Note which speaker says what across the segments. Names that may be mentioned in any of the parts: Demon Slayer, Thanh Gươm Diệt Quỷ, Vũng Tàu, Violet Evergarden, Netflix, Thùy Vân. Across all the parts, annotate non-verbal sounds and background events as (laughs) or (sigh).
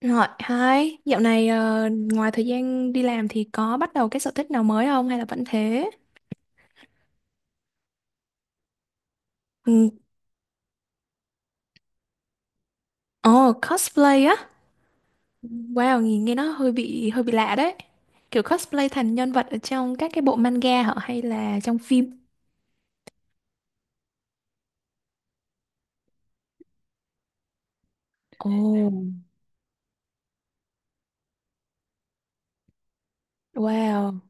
Speaker 1: Rồi, hai, dạo này ngoài thời gian đi làm thì có bắt đầu cái sở thích nào mới không hay là vẫn thế? Ừ. Ồ, cosplay á. Wow, nhìn nghe nó hơi bị lạ đấy. Kiểu cosplay thành nhân vật ở trong các cái bộ manga hả hay là trong phim? Ồ. Wow.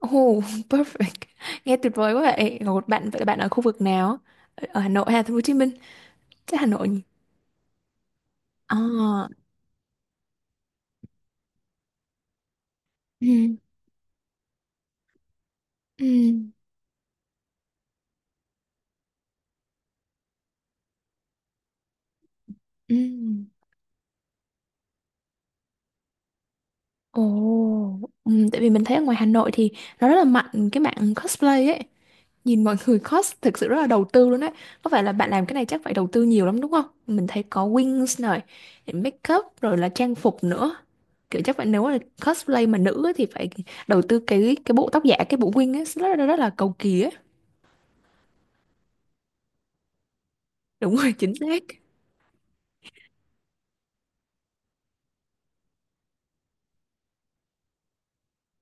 Speaker 1: Oh, (laughs) perfect. Nghe tuyệt vời quá vậy. Một bạn vậy là bạn ở khu vực nào? Ở Hà Nội hay là thành phố Hồ Chí Minh? Chắc Hà Nội nhỉ? À. Ừ. Ừ. Ừ. Ồ. Tại vì mình thấy ở ngoài Hà Nội thì nó rất là mạnh cái mạng cosplay ấy. Nhìn mọi người cos thực sự rất là đầu tư luôn đấy. Có phải là bạn làm cái này chắc phải đầu tư nhiều lắm đúng không? Mình thấy có wings này, make up rồi là trang phục nữa. Kiểu chắc phải nếu là cosplay mà nữ ấy, thì phải đầu tư cái bộ tóc giả, cái bộ wing ấy rất là cầu kỳ ấy. (laughs) Đúng rồi, chính xác.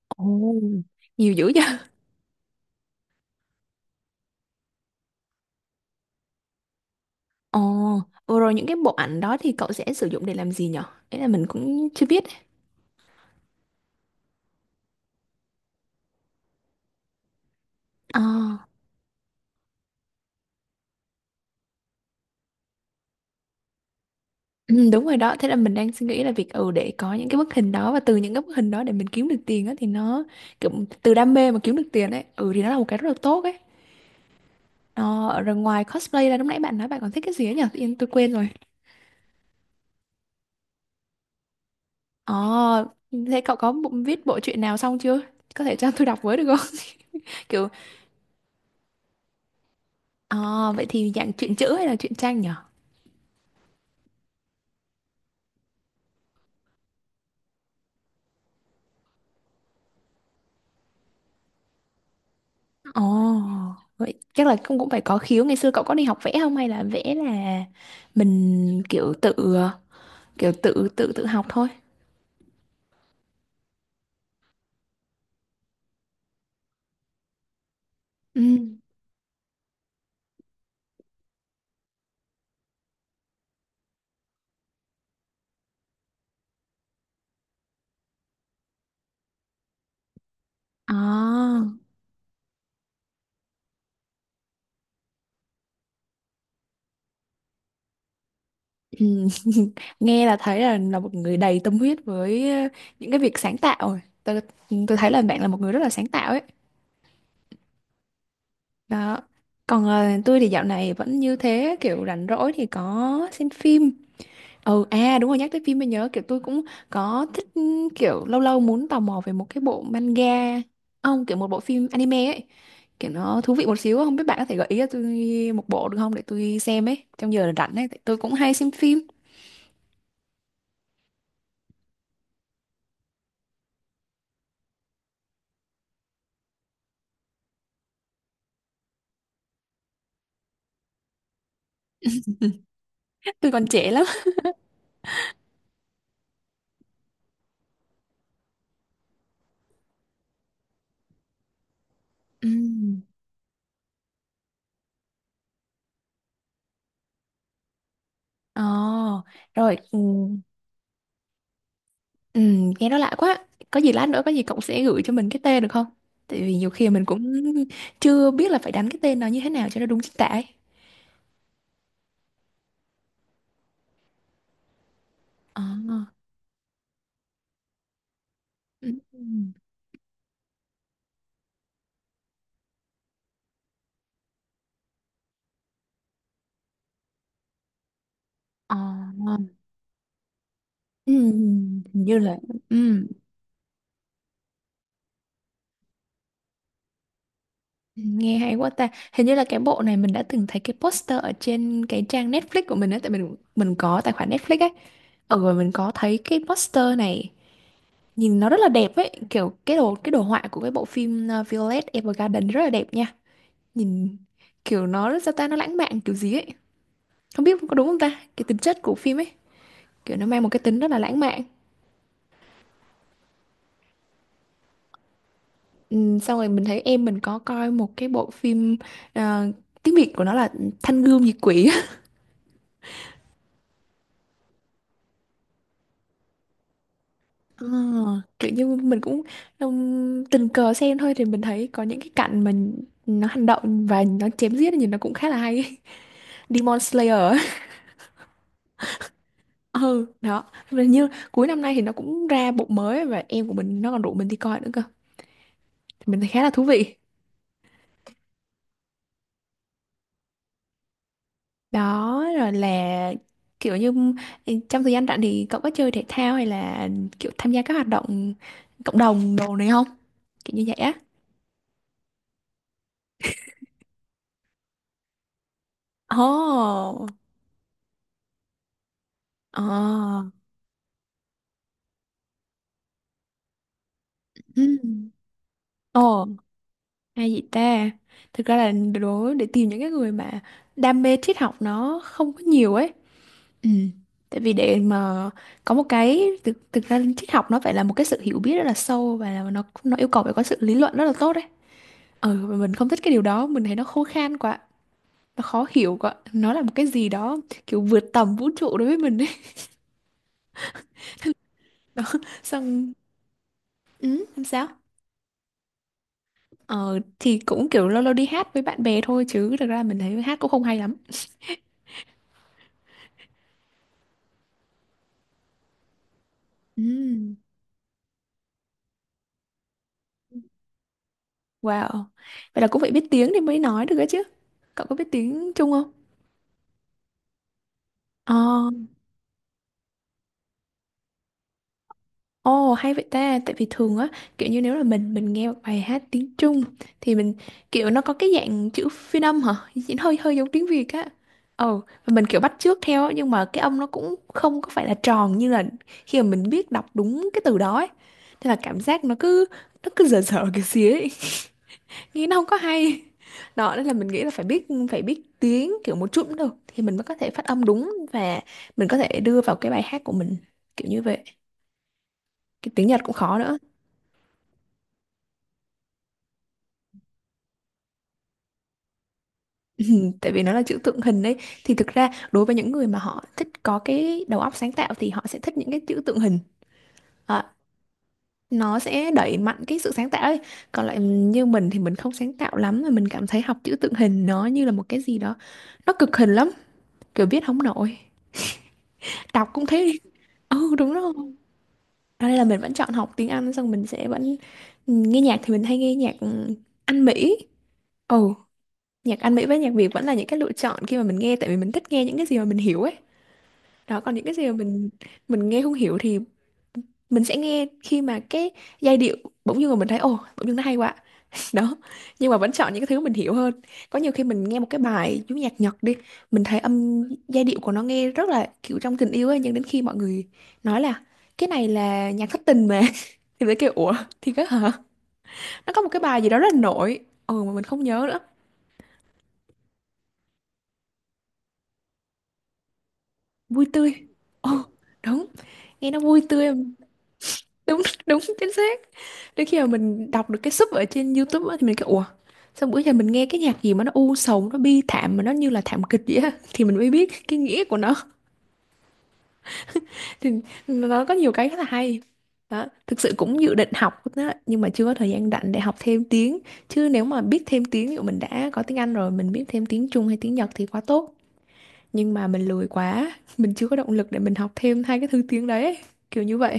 Speaker 1: Ồ, nhiều dữ vậy. Ồ, vừa rồi những cái bộ ảnh đó thì cậu sẽ sử dụng để làm gì nhở? Ý là mình cũng chưa biết. À. Ừ, đúng rồi đó. Thế là mình đang suy nghĩ là việc để có những cái bức hình đó và từ những cái bức hình đó để mình kiếm được tiền á thì nó kiểu, từ đam mê mà kiếm được tiền ấy thì nó là một cái rất là tốt ấy. Ờ, Rồi ngoài cosplay ra lúc nãy bạn nói bạn còn thích cái gì ấy nhỉ, tự nhiên tôi quên rồi. Ờ, thế cậu có bộ, viết bộ truyện nào xong chưa, có thể cho tôi đọc với được không? (laughs) Kiểu. Ờ, vậy thì dạng truyện chữ hay là truyện tranh nhỉ? Ồ, vậy chắc là cũng cũng phải có khiếu. Ngày xưa cậu có đi học vẽ không hay là vẽ là mình kiểu tự kiểu tự tự tự học thôi? Ừ. À. Ừ. (laughs) Nghe là thấy là một người đầy tâm huyết với những cái việc sáng tạo rồi. Tôi thấy là bạn là một người rất là sáng tạo ấy. Đó. Còn tôi thì dạo này vẫn như thế, kiểu rảnh rỗi thì có xem phim. Ừ à đúng rồi, nhắc tới phim mới nhớ, kiểu tôi cũng có thích kiểu lâu lâu muốn tò mò về một cái bộ manga. Không, kiểu một bộ phim anime ấy. Kiểu nó thú vị một xíu, không biết bạn có thể gợi ý cho tôi một bộ được không để tôi xem ấy trong giờ rảnh ấy, tại tôi cũng hay xem phim. Tôi còn trẻ lắm. Ừm. Ồ. Rồi. Ừm. Nghe nó lạ quá. Có gì lát nữa có gì cậu sẽ gửi cho mình cái tên được không? Tại vì nhiều khi mình cũng (laughs) chưa biết là phải đánh cái tên nó như thế nào cho nó đúng chính tả ấy. Ờ. Ừm. Ừm. Ờ. Ừm. Hình như là. Ừm, nghe hay quá ta. Hình như là cái bộ này mình đã từng thấy cái poster ở trên cái trang Netflix của mình á, tại mình có tài khoản Netflix ấy. Ở rồi mình có thấy cái poster này, nhìn nó rất là đẹp ấy, kiểu cái đồ họa của cái bộ phim Violet Evergarden rất là đẹp nha. Nhìn kiểu nó rất sao ta nó lãng mạn kiểu gì ấy. Không biết có đúng không ta? Cái tính chất của phim ấy, kiểu nó mang một cái tính rất là lãng mạn. Ừ, xong rồi mình thấy em mình có coi một cái bộ phim uh, tiếng Việt của nó là Thanh Gươm Diệt Quỷ. Ờ, kiểu như mình cũng tình cờ xem thôi thì mình thấy có những cái cảnh mà nó hành động và nó chém giết thì nó cũng khá là hay. (laughs) Demon Slayer á. Ừ đó. Mà như cuối năm nay thì nó cũng ra bộ mới và em của mình nó còn rủ mình đi coi nữa cơ, thì mình thấy khá là thú vị. Đó rồi là kiểu như trong thời gian rảnh thì cậu có chơi thể thao hay là kiểu tham gia các hoạt động cộng đồng đồ này không, kiểu như vậy á? Ồ. Ồ. Ừ. Ồ. Hay vậy ta? Thực ra là đố để tìm những cái người mà đam mê triết học nó không có nhiều ấy. Ừ. Tại vì để mà có một cái thực ra triết học nó phải là một cái sự hiểu biết rất là sâu và là nó yêu cầu phải có sự lý luận rất là tốt đấy. Ừ, và mình không thích cái điều đó, mình thấy nó khô khan quá, nó khó hiểu quá. Nó là một cái gì đó kiểu vượt tầm vũ trụ đối với mình ấy. (laughs) Xong. Ừ, làm sao? Ờ thì cũng kiểu lâu lâu đi hát với bạn bè thôi chứ thực ra mình thấy hát cũng không hay lắm. Ừ. Wow. Vậy là cũng phải biết tiếng thì mới nói được ấy chứ. Cậu có biết tiếng Trung không? Ờ. Ồ hay vậy ta, tại vì thường á, kiểu như nếu là mình nghe một bài hát tiếng Trung thì mình kiểu nó có cái dạng chữ phiên âm hả? Chỉ hơi hơi giống tiếng Việt á. Ồ, và mình kiểu bắt chước theo á, nhưng mà cái âm nó cũng không có phải là tròn như là khi mà mình biết đọc đúng cái từ đó ấy. Nên là cảm giác nó cứ dở dở cái xía ấy. Nghĩ nó không có hay. (laughs) Đó nên là mình nghĩ là phải biết tiếng kiểu một chút cũng được thì mình mới có thể phát âm đúng và mình có thể đưa vào cái bài hát của mình kiểu như vậy. Cái tiếng Nhật cũng khó nữa. (laughs) Tại vì nó là chữ tượng hình đấy, thì thực ra đối với những người mà họ thích có cái đầu óc sáng tạo thì họ sẽ thích những cái chữ tượng hình. À, nó sẽ đẩy mạnh cái sự sáng tạo ấy. Còn lại như mình thì mình không sáng tạo lắm mà mình cảm thấy học chữ tượng hình nó như là một cái gì đó nó cực hình lắm, kiểu viết không nổi, đọc cũng thế. (laughs) Ừ đúng rồi. Ở đây là mình vẫn chọn học tiếng Anh xong mình sẽ vẫn nghe nhạc thì mình hay nghe nhạc Anh Mỹ. Ồ, nhạc Anh Mỹ với nhạc Việt vẫn là những cái lựa chọn khi mà mình nghe tại vì mình thích nghe những cái gì mà mình hiểu ấy. Đó còn những cái gì mà mình nghe không hiểu thì mình sẽ nghe khi mà cái giai điệu bỗng dưng mà mình thấy ồ bỗng dưng nó hay quá. (laughs) Đó, nhưng mà vẫn chọn những cái thứ mình hiểu hơn. Có nhiều khi mình nghe một cái bài chú nhạc Nhật đi, mình thấy âm giai điệu của nó nghe rất là kiểu trong tình yêu ấy nhưng đến khi mọi người nói là cái này là nhạc thất tình mà (laughs) thì mới kêu ủa, thì cái hả, nó có một cái bài gì đó rất là nổi ừ mà mình không nhớ nữa. Vui tươi. Ồ đúng. Nghe nó vui tươi. Đúng, đúng chính xác. Đến khi mà mình đọc được cái sub ở trên YouTube á, thì mình kêu ủa sao bữa giờ mình nghe cái nhạc gì mà nó u sầu nó bi thảm mà nó như là thảm kịch vậy á (laughs) thì mình mới biết cái nghĩa của nó. Thì nó có nhiều cái rất là hay đó, thực sự cũng dự định học đó, nhưng mà chưa có thời gian rảnh để học thêm tiếng. Chứ nếu mà biết thêm tiếng ví dụ mình đã có tiếng Anh rồi mình biết thêm tiếng Trung hay tiếng Nhật thì quá tốt, nhưng mà mình lười quá. (laughs) Mình chưa có động lực để mình học thêm hai cái thứ tiếng đấy, kiểu như vậy.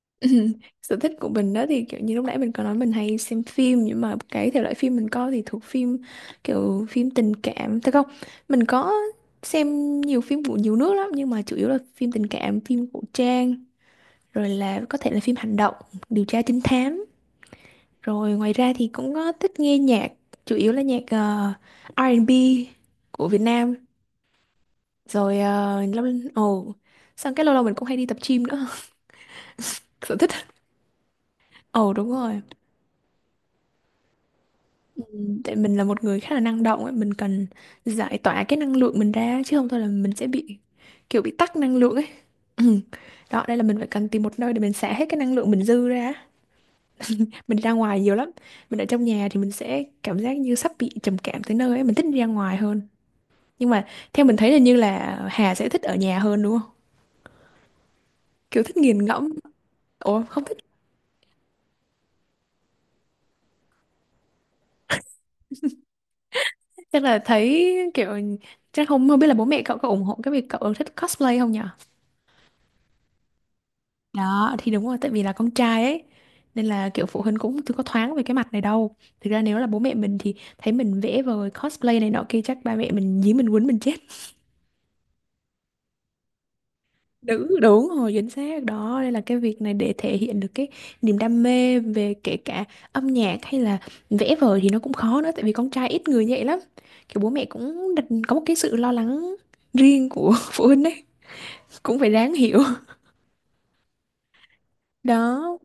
Speaker 1: (laughs) Ừm, sở thích của mình đó thì kiểu như lúc nãy mình có nói mình hay xem phim nhưng mà cái thể loại phim mình coi thì thuộc phim kiểu phim tình cảm thế không. Mình có xem nhiều phim của nhiều nước lắm nhưng mà chủ yếu là phim tình cảm, phim cổ trang, rồi là có thể là phim hành động, điều tra trinh thám. Rồi ngoài ra thì cũng có thích nghe nhạc, chủ yếu là nhạc R&B của Việt Nam. Rồi ờ, lâu. Ồ, xong cái lâu lâu mình cũng hay đi tập gym nữa. (laughs) Sở thích. Ồ đúng rồi. Ừ. Tại mình là một người khá là năng động ấy, mình cần giải tỏa cái năng lượng mình ra chứ không thôi là mình sẽ bị kiểu bị tắc năng lượng ấy. Ừ. Đó, đây là mình phải cần tìm một nơi để mình xả hết cái năng lượng mình dư ra. Mình đi ra ngoài nhiều lắm. Mình ở trong nhà thì mình sẽ cảm giác như sắp bị trầm cảm tới nơi ấy, mình thích đi ra ngoài hơn. Nhưng mà theo mình thấy là như là Hà sẽ thích ở nhà hơn đúng không? Kiểu thích nghiền ngẫm. Ủa không thích, chắc là thấy kiểu chắc không, không biết là bố mẹ cậu có ủng hộ cái việc cậu thích cosplay không nhỉ? Đó thì đúng rồi tại vì là con trai ấy nên là kiểu phụ huynh cũng chưa có thoáng về cái mặt này đâu. Thực ra nếu là bố mẹ mình thì thấy mình vẽ vời cosplay này nọ kia chắc ba mẹ mình dí mình quấn mình chết. (laughs) Đúng đúng rồi chính xác đó, đây là cái việc này để thể hiện được cái niềm đam mê về kể cả âm nhạc hay là vẽ vời thì nó cũng khó nữa tại vì con trai ít người như vậy lắm. Kiểu bố mẹ cũng đặt có một cái sự lo lắng riêng của (laughs) phụ huynh ấy cũng phải đáng hiểu. (laughs) Đó.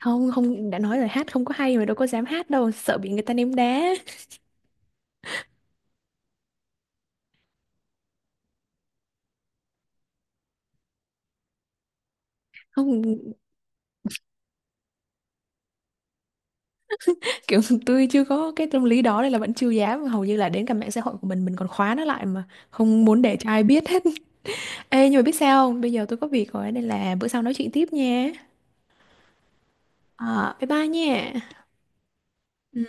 Speaker 1: Không, không đã nói rồi hát không có hay mà đâu có dám hát đâu sợ bị người ta ném đá. Không, kiểu (laughs) tôi chưa có cái tâm lý đó nên là vẫn chưa dám, hầu như là đến cả mạng xã hội của mình còn khóa nó lại mà không muốn để cho ai biết hết. (laughs) Ê nhưng mà biết sao không bây giờ tôi có việc rồi nên là bữa sau nói chuyện tiếp nha. Ờ, bye bye nha. Ừ.